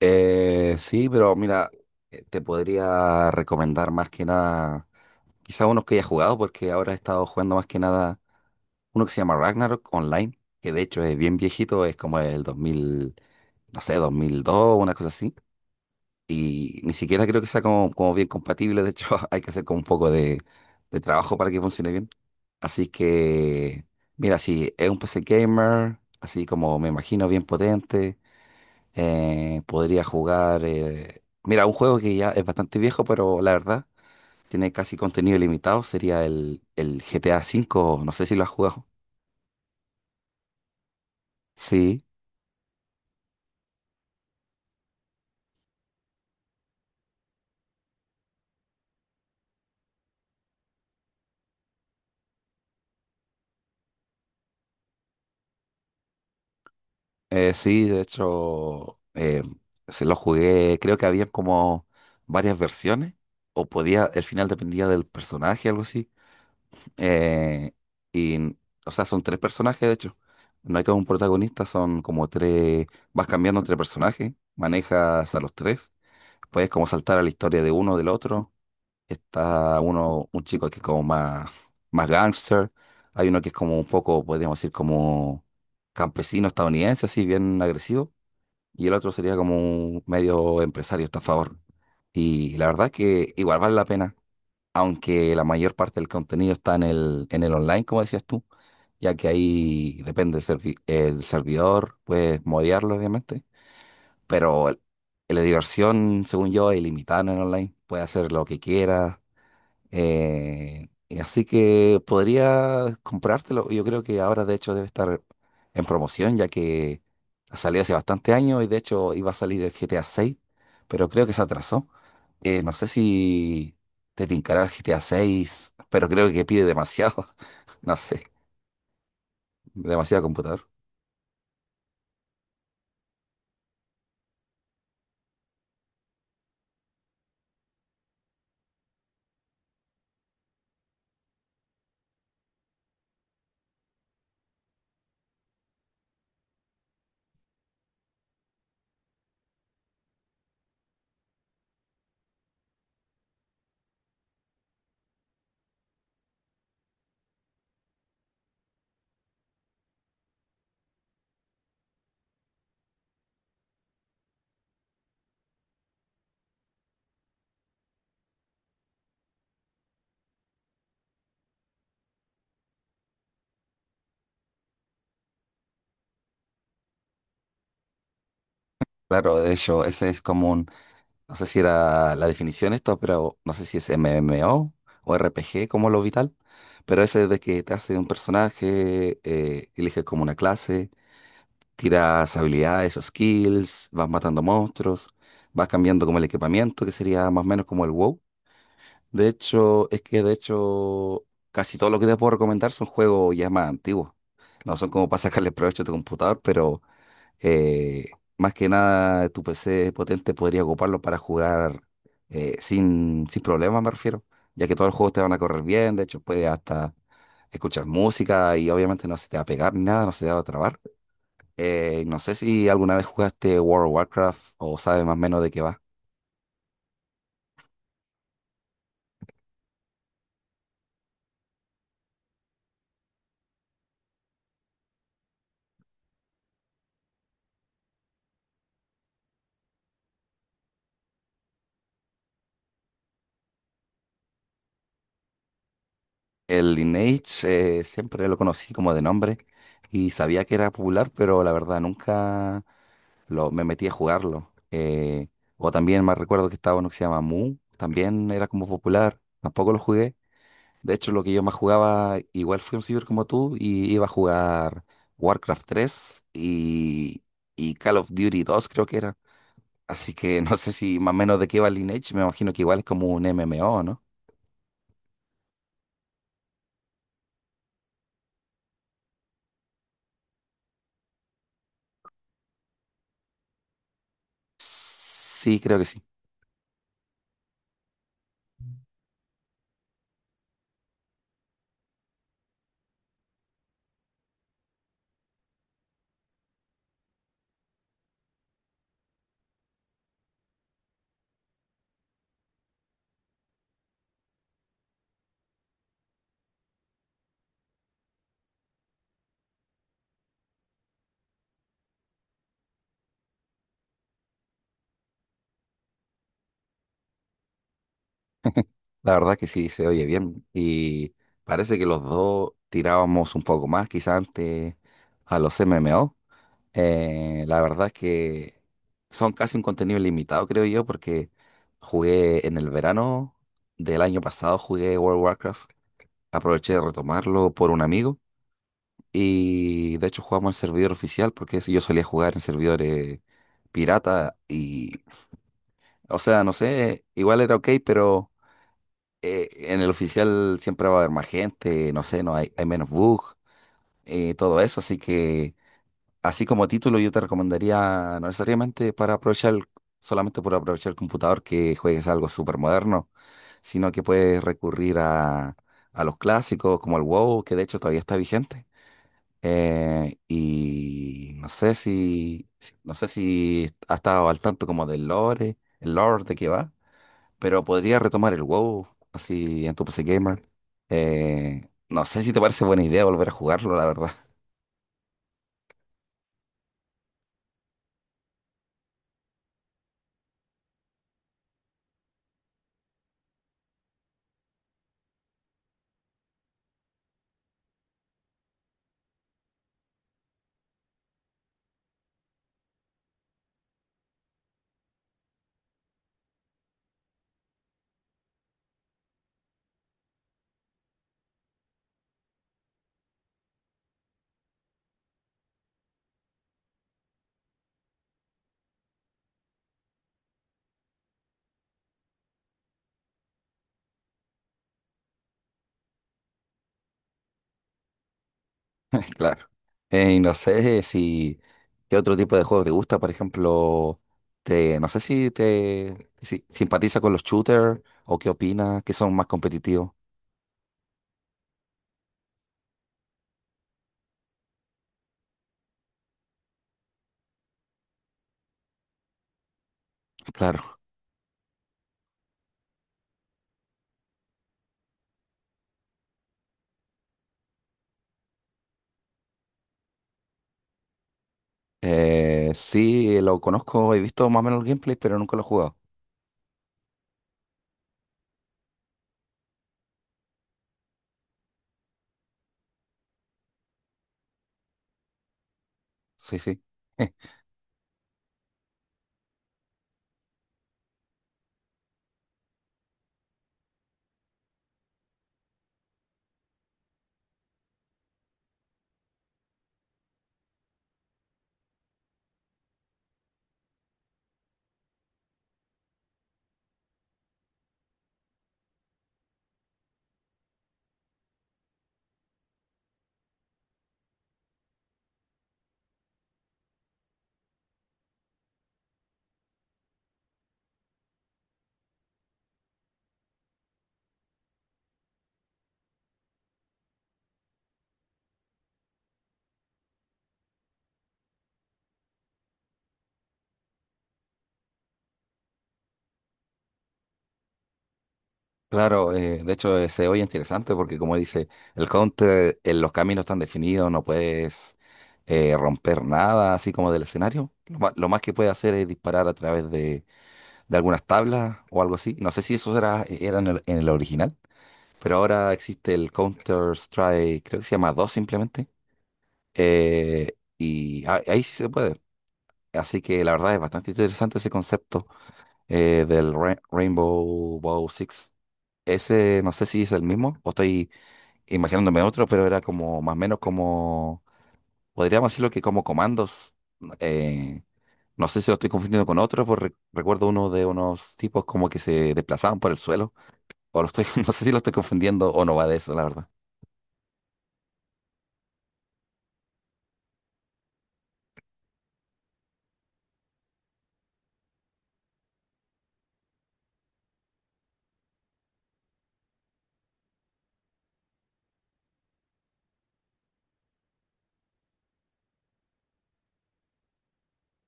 Sí, pero mira, te podría recomendar más que nada, quizá unos que haya jugado, porque ahora he estado jugando más que nada uno que se llama Ragnarok Online, que de hecho es bien viejito, es como el 2000, no sé, 2002, una cosa así, y ni siquiera creo que sea como bien compatible, de hecho hay que hacer como un poco de trabajo para que funcione bien. Así que, mira, si es un PC gamer, así como me imagino, bien potente, podría jugar. Mira, un juego que ya es bastante viejo, pero la verdad tiene casi contenido ilimitado. Sería el GTA V. No sé si lo has jugado. Sí, sí, de hecho, se lo jugué. Creo que había como varias versiones. O podía, el final dependía del personaje, algo así. Eh, y, o sea, son tres personajes, de hecho. No hay como un protagonista, son como tres. Vas cambiando entre personajes, manejas a los tres. Puedes como saltar a la historia de uno, del otro. Está uno, un chico que es como más gángster. Hay uno que es como un poco, podríamos decir, como campesino estadounidense, así bien agresivo. Y el otro sería como un medio empresario estafador. Y la verdad es que igual vale la pena, aunque la mayor parte del contenido está en el online, como decías tú, ya que ahí depende del servi- el servidor, puedes modearlo, obviamente. Pero la diversión, según yo, es ilimitada en el online. Puedes hacer lo que quieras. Y así que podría comprártelo. Yo creo que ahora, de hecho, debe estar en promoción, ya que ha salido hace bastante años y, de hecho, iba a salir el GTA 6, pero creo que se atrasó. No sé si te tincará el GTA 6, pero creo que pide demasiado. No sé, demasiado computador. Claro, de hecho, ese es común. No sé si era la definición esto, pero no sé si es MMO o RPG como lo vital. Pero ese de que te hace un personaje, eliges como una clase, tiras habilidades o skills, vas matando monstruos, vas cambiando como el equipamiento, que sería más o menos como el WoW. De hecho, es que de hecho casi todo lo que te puedo recomendar son juegos ya más antiguos. No son como para sacarle provecho a tu computador, pero eh, más que nada, tu PC potente podría ocuparlo para jugar, sin problemas, me refiero, ya que todos los juegos te van a correr bien, de hecho puedes hasta escuchar música y obviamente no se te va a pegar ni nada, no se te va a trabar. No sé si alguna vez jugaste World of Warcraft o sabes más o menos de qué va. El Lineage, siempre lo conocí como de nombre y sabía que era popular, pero la verdad nunca me metí a jugarlo. O también más recuerdo que estaba uno que se llama Mu, también era como popular, tampoco lo jugué. De hecho, lo que yo más jugaba, igual fui un ciber como tú, y iba a jugar Warcraft 3 y Call of Duty 2 creo que era. Así que no sé si más o menos de qué va Lineage, me imagino que igual es como un MMO, ¿no? Sí, creo que sí. La verdad que sí, se oye bien. Y parece que los dos tirábamos un poco más, quizá antes a los MMO. La verdad es que son casi un contenido limitado, creo yo, porque jugué en el verano del año pasado, jugué World of Warcraft, aproveché de retomarlo por un amigo y de hecho jugamos en servidor oficial porque si yo solía jugar en servidores pirata y, o sea, no sé, igual era ok, pero en el oficial siempre va a haber más gente, no sé, no hay, hay menos bugs, todo eso, así que... Así como título, yo te recomendaría, no necesariamente para aprovechar, solamente por aprovechar el computador, que juegues algo súper moderno, sino que puedes recurrir a, los clásicos como el WoW, que de hecho todavía está vigente. Y no sé si has estado al tanto como del lore, el lore de qué va, pero podría retomar el WoW así en tu PC Gamer. Eh, no sé si te parece buena idea volver a jugarlo, la verdad. Claro. Y no sé si qué otro tipo de juegos te gusta, por ejemplo, no sé si te si, simpatiza con los shooters o qué opinas, que son más competitivos. Claro. Sí, lo conozco, he visto más o menos el gameplay, pero nunca lo he jugado. Sí, sí. Claro, de hecho, se oye interesante porque como dice, el counter, los caminos están definidos, no puedes romper nada así como del escenario. Lo más que puedes hacer es disparar a través de algunas tablas o algo así. No sé si eso era en el original, pero ahora existe el Counter-Strike, creo que se llama 2 simplemente, y ahí sí se puede. Así que la verdad es bastante interesante ese concepto, del Rainbow Bow Six. Ese no sé si es el mismo o estoy imaginándome otro, pero era como más o menos como, podríamos decirlo que como comandos. eh, no sé si lo estoy confundiendo con otro, porque recuerdo uno de unos tipos como que se desplazaban por el suelo. O lo estoy, no sé si lo estoy confundiendo o no va de eso, la verdad.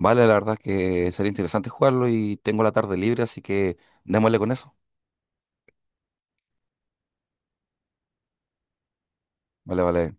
Vale, la verdad que sería interesante jugarlo y tengo la tarde libre, así que démosle con eso. Vale, vale.